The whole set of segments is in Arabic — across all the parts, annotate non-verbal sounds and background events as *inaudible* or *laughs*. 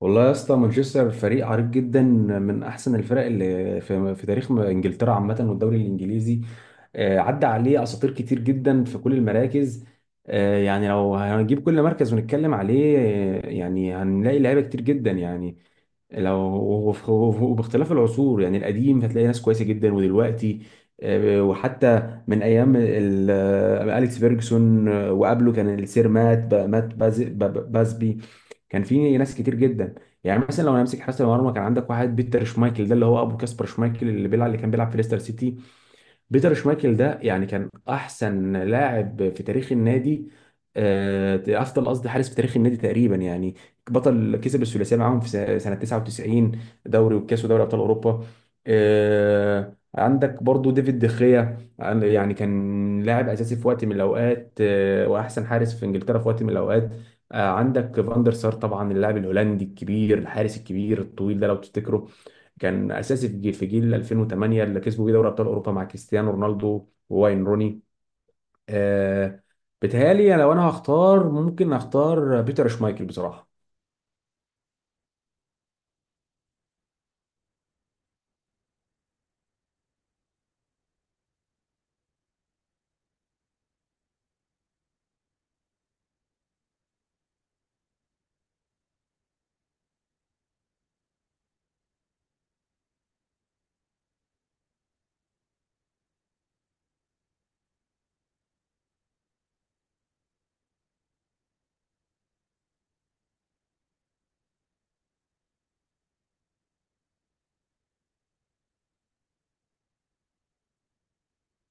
والله يا اسطى مانشستر فريق عريق جدا من احسن الفرق اللي في تاريخ انجلترا عامه والدوري الانجليزي. عدى عليه اساطير كتير جدا في كل المراكز. يعني لو هنجيب كل مركز ونتكلم عليه يعني هنلاقي لعيبه كتير جدا يعني. لو وباختلاف العصور يعني القديم هتلاقي ناس كويسه جدا ودلوقتي. وحتى من ايام اليكس فيرجسون، وقبله كان السير مات با- مات باز- با- با- بازبي. كان في ناس كتير جدا. يعني مثلا لو انا امسك حراسه المرمى كان عندك واحد بيتر شمايكل، ده اللي هو ابو كاسبر شمايكل اللي كان بيلعب في ليستر سيتي. بيتر شمايكل ده يعني كان احسن لاعب في تاريخ النادي، افضل قصدي حارس في تاريخ النادي تقريبا يعني. بطل كسب الثلاثيه معاهم في سنه 99، دوري والكاس ودوري ابطال اوروبا. عندك برضو ديفيد دخيا يعني كان لاعب اساسي في وقت من الاوقات، واحسن حارس في انجلترا في وقت من الاوقات. عندك فاندر سار طبعا، اللاعب الهولندي الكبير الحارس الكبير الطويل ده لو تفتكره. كان اساسي في جيل 2008 اللي كسبوا بيه دوري ابطال اوروبا مع كريستيانو رونالدو وواين روني. آه بتهيألي لو انا هختار ممكن اختار بيتر شمايكل بصراحه.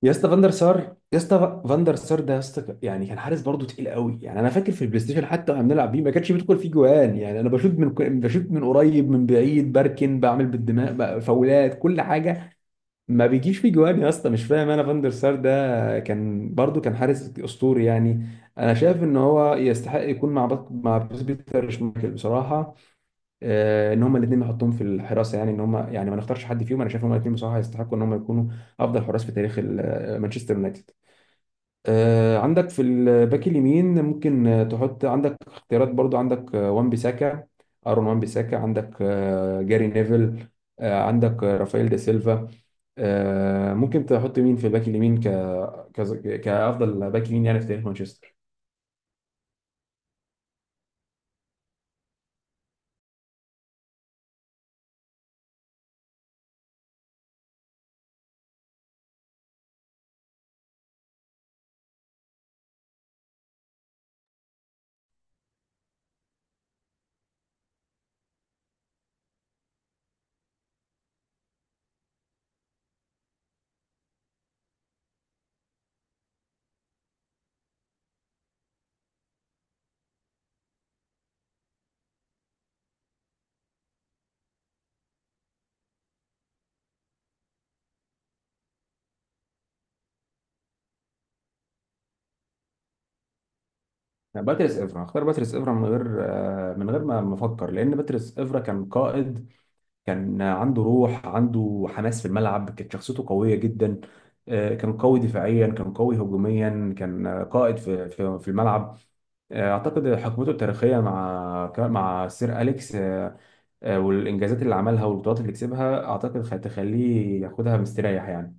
يا اسطى فاندر سار، ده يا اسطى يعني كان حارس برضه تقيل قوي يعني. انا فاكر في البلاي ستيشن حتى واحنا بنلعب بيه ما كانش بيدخل فيه جوان يعني، انا بشوط من قريب من بعيد بركن بعمل بالدماغ بقى فاولات كل حاجه. ما بيجيش في جوان يا اسطى، مش فاهم انا، فاندر سار ده كان برضو كان حارس اسطوري يعني. انا شايف ان هو يستحق يكون مع بيتر شمايكل بصراحه. ان هما الاثنين نحطهم في الحراسه، يعني ان هما يعني ما نختارش حد فيهم، انا شايف ان هما الاثنين بصراحه يستحقوا ان هما يكونوا افضل حراس في تاريخ مانشستر يونايتد. عندك في الباك اليمين ممكن تحط، عندك اختيارات، برضو عندك وان بيساكا، ارون وان بيساكا، عندك جاري نيفل، عندك رافائيل دا سيلفا. ممكن تحط مين في الباك اليمين كافضل باك يمين يعني في تاريخ مانشستر. لا، باتريس افرا، اختار باتريس افرا من غير من غير ما افكر، لان باتريس افرا كان قائد. كان عنده روح عنده حماس في الملعب، كانت شخصيته قوية جدا. كان قوي دفاعيا، كان قوي هجوميا، كان قائد في الملعب. اعتقد حقبته التاريخيه مع سير اليكس، والانجازات اللي عملها والبطولات اللي كسبها اعتقد هتخليه ياخدها مستريح يعني.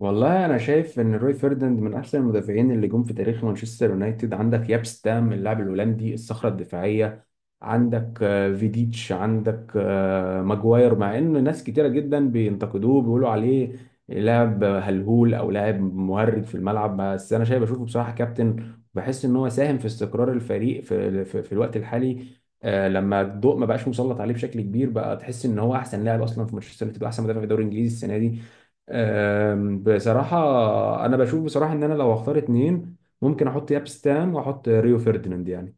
والله انا شايف ان روي فيرديناند من احسن المدافعين اللي جم في تاريخ مانشستر يونايتد، عندك يابس ده من اللاعب الهولندي الصخره الدفاعيه، عندك فيديتش، عندك ماجواير، مع ان ناس كتيره جدا بينتقدوه بيقولوا عليه لاعب هلهول او لاعب مهرج في الملعب. بس انا شايف بشوفه بصراحه كابتن، بحس ان هو ساهم في استقرار الفريق في الوقت الحالي. لما الضوء ما بقاش مسلط عليه بشكل كبير بقى تحس ان هو احسن لاعب اصلا في مانشستر يونايتد واحسن مدافع في الدوري الانجليزي السنه دي. بصراحه انا بشوف بصراحه ان انا لو هختار اتنين، ممكن احط ياب ستام واحط ريو فerdinand يعني.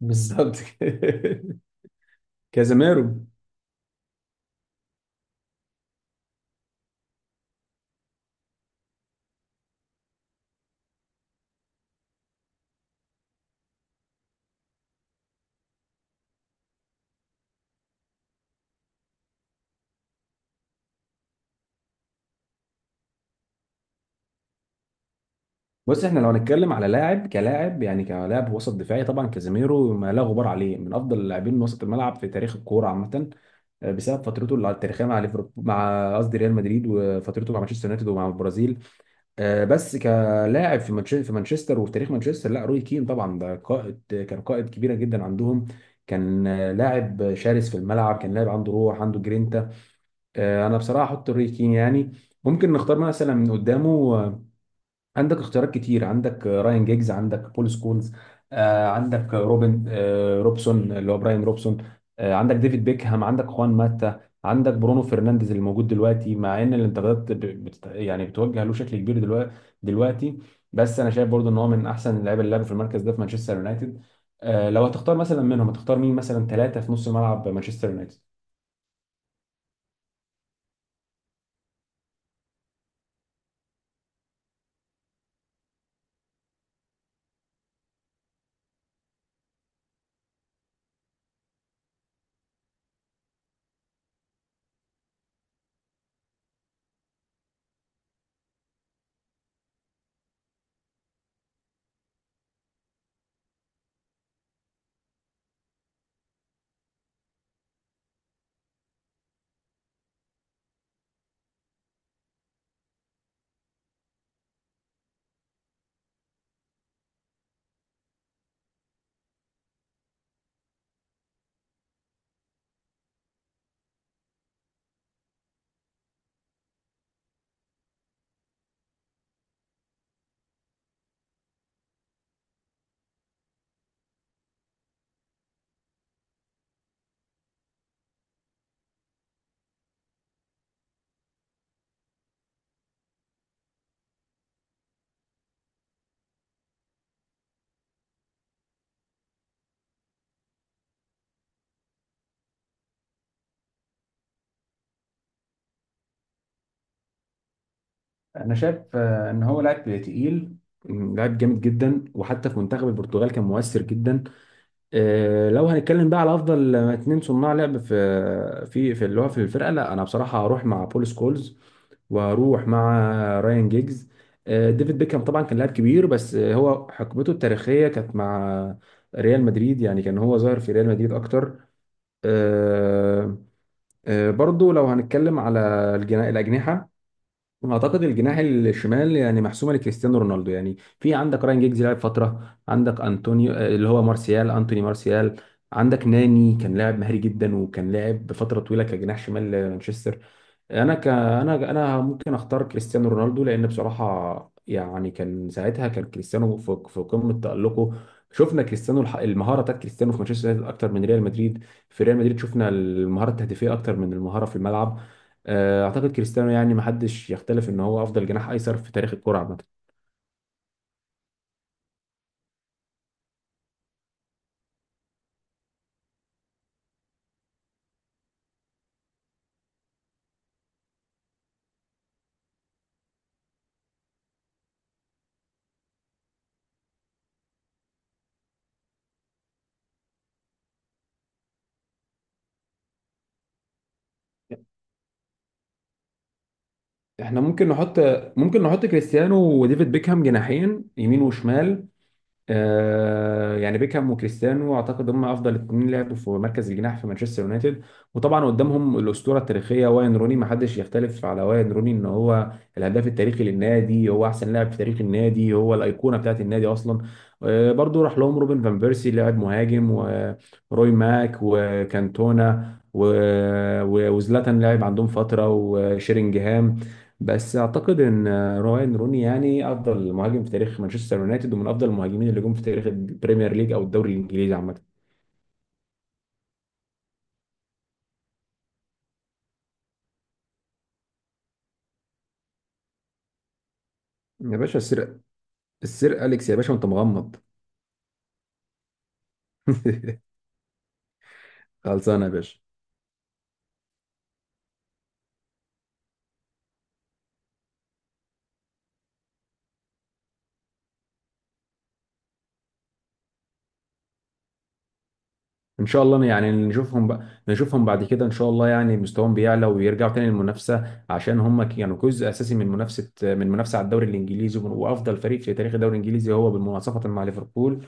بالظبط كده *laughs* كازيميرو. بص احنا لو هنتكلم على لاعب كلاعب يعني كلاعب وسط دفاعي طبعا كازيميرو ما لا غبار عليه، من افضل اللاعبين وسط الملعب في تاريخ الكوره عامه. بسبب فترته التاريخيه مع ليفربول مع قصدي ريال مدريد وفترته مع مانشستر يونايتد ومع البرازيل. بس كلاعب في مانشستر وفي تاريخ مانشستر لا، روي كين طبعا ده قائد. كان قائد كبيره جدا عندهم، كان لاعب شرس في الملعب، كان لاعب عنده روح عنده جرينتا. انا بصراحه احط روي كين يعني. ممكن نختار مثلا من قدامه. آه، عندك اختيارات كتير، عندك راين جيجز، عندك بول سكولز، عندك روبن روبسون اللي هو براين روبسون، عندك ديفيد بيكهام، عندك خوان ماتا، عندك برونو فرنانديز اللي موجود دلوقتي مع ان الانتقادات يعني بتوجه له شكل كبير دلوقتي. بس انا شايف برضو ان هو من احسن اللعيبه اللي لعبوا في المركز ده في مانشستر يونايتد. لو هتختار مثلا منهم هتختار مين مثلا ثلاثه في نص ملعب مانشستر يونايتد. انا شايف ان هو لاعب تقيل، لاعب جامد جدا، وحتى في منتخب البرتغال كان مؤثر جدا. إيه، لو هنتكلم بقى على افضل اتنين صناع لعب في في في اللي هو في الفرقه، لا انا بصراحه هروح مع بول سكولز، وهروح مع رايان جيجز. ديفيد بيكهام طبعا كان لاعب كبير بس هو حقبته التاريخيه كانت مع ريال مدريد يعني كان هو ظاهر في ريال مدريد اكتر. آه، برضو لو هنتكلم على الاجنحه، اعتقد الجناح الشمال يعني محسومه لكريستيانو رونالدو يعني، في عندك راين جيجز لعب فتره، عندك انطونيو اللي هو مارسيال، انتوني مارسيال، عندك ناني كان لاعب مهاري جدا وكان لاعب بفتره طويله كجناح شمال لمانشستر. انا ك انا انا ممكن اختار كريستيانو رونالدو، لان بصراحه يعني كان ساعتها كان كريستيانو في قمه تالقه. شفنا كريستيانو المهاره بتاعت كريستيانو في مانشستر يونايتد اكتر من ريال مدريد، في ريال مدريد شفنا المهاره التهديفيه اكتر من المهاره في الملعب. اعتقد كريستيانو يعني محدش يختلف ان هو افضل جناح ايسر في تاريخ الكرة عامة. احنا ممكن نحط، ممكن نحط كريستيانو وديفيد بيكهام جناحين يمين وشمال. يعني بيكهام وكريستيانو اعتقد هم افضل اتنين لعبوا في مركز الجناح في مانشستر يونايتد. وطبعا قدامهم الاسطوره التاريخيه واين روني، ما حدش يختلف على واين روني ان هو الهداف التاريخي للنادي، هو احسن لاعب في تاريخ النادي، هو الايقونه بتاعت النادي اصلا. برضو راح لهم روبن فان بيرسي لاعب مهاجم، وروي ماك وكانتونا وزلاتان لاعب عندهم فتره وشيرينجهام. بس اعتقد ان راين روني يعني افضل مهاجم في تاريخ مانشستر يونايتد ومن افضل المهاجمين اللي جم في تاريخ البريمير ليج او الدوري الانجليزي عامه. يا باشا، السير، السير أليكس يا باشا وأنت مغمض. *laughs* خلصانه يا باشا. ان شاء الله يعني نشوفهم بقى، نشوفهم بعد كده ان شاء الله يعني مستواهم بيعلى ويرجعوا تاني للمنافسه عشان هم كانوا جزء اساسي من منافسه على الدوري الانجليزي، وافضل فريق في تاريخ الدوري الانجليزي هو بالمناصفه مع ليفربول.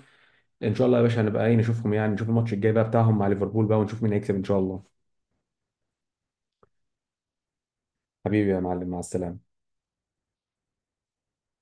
ان شاء الله يا باشا هنبقى ايه نشوفهم يعني، نشوف الماتش الجاي بقى بتاعهم مع ليفربول بقى ونشوف مين هيكسب ان شاء الله. حبيبي يا معلم، مع السلامة.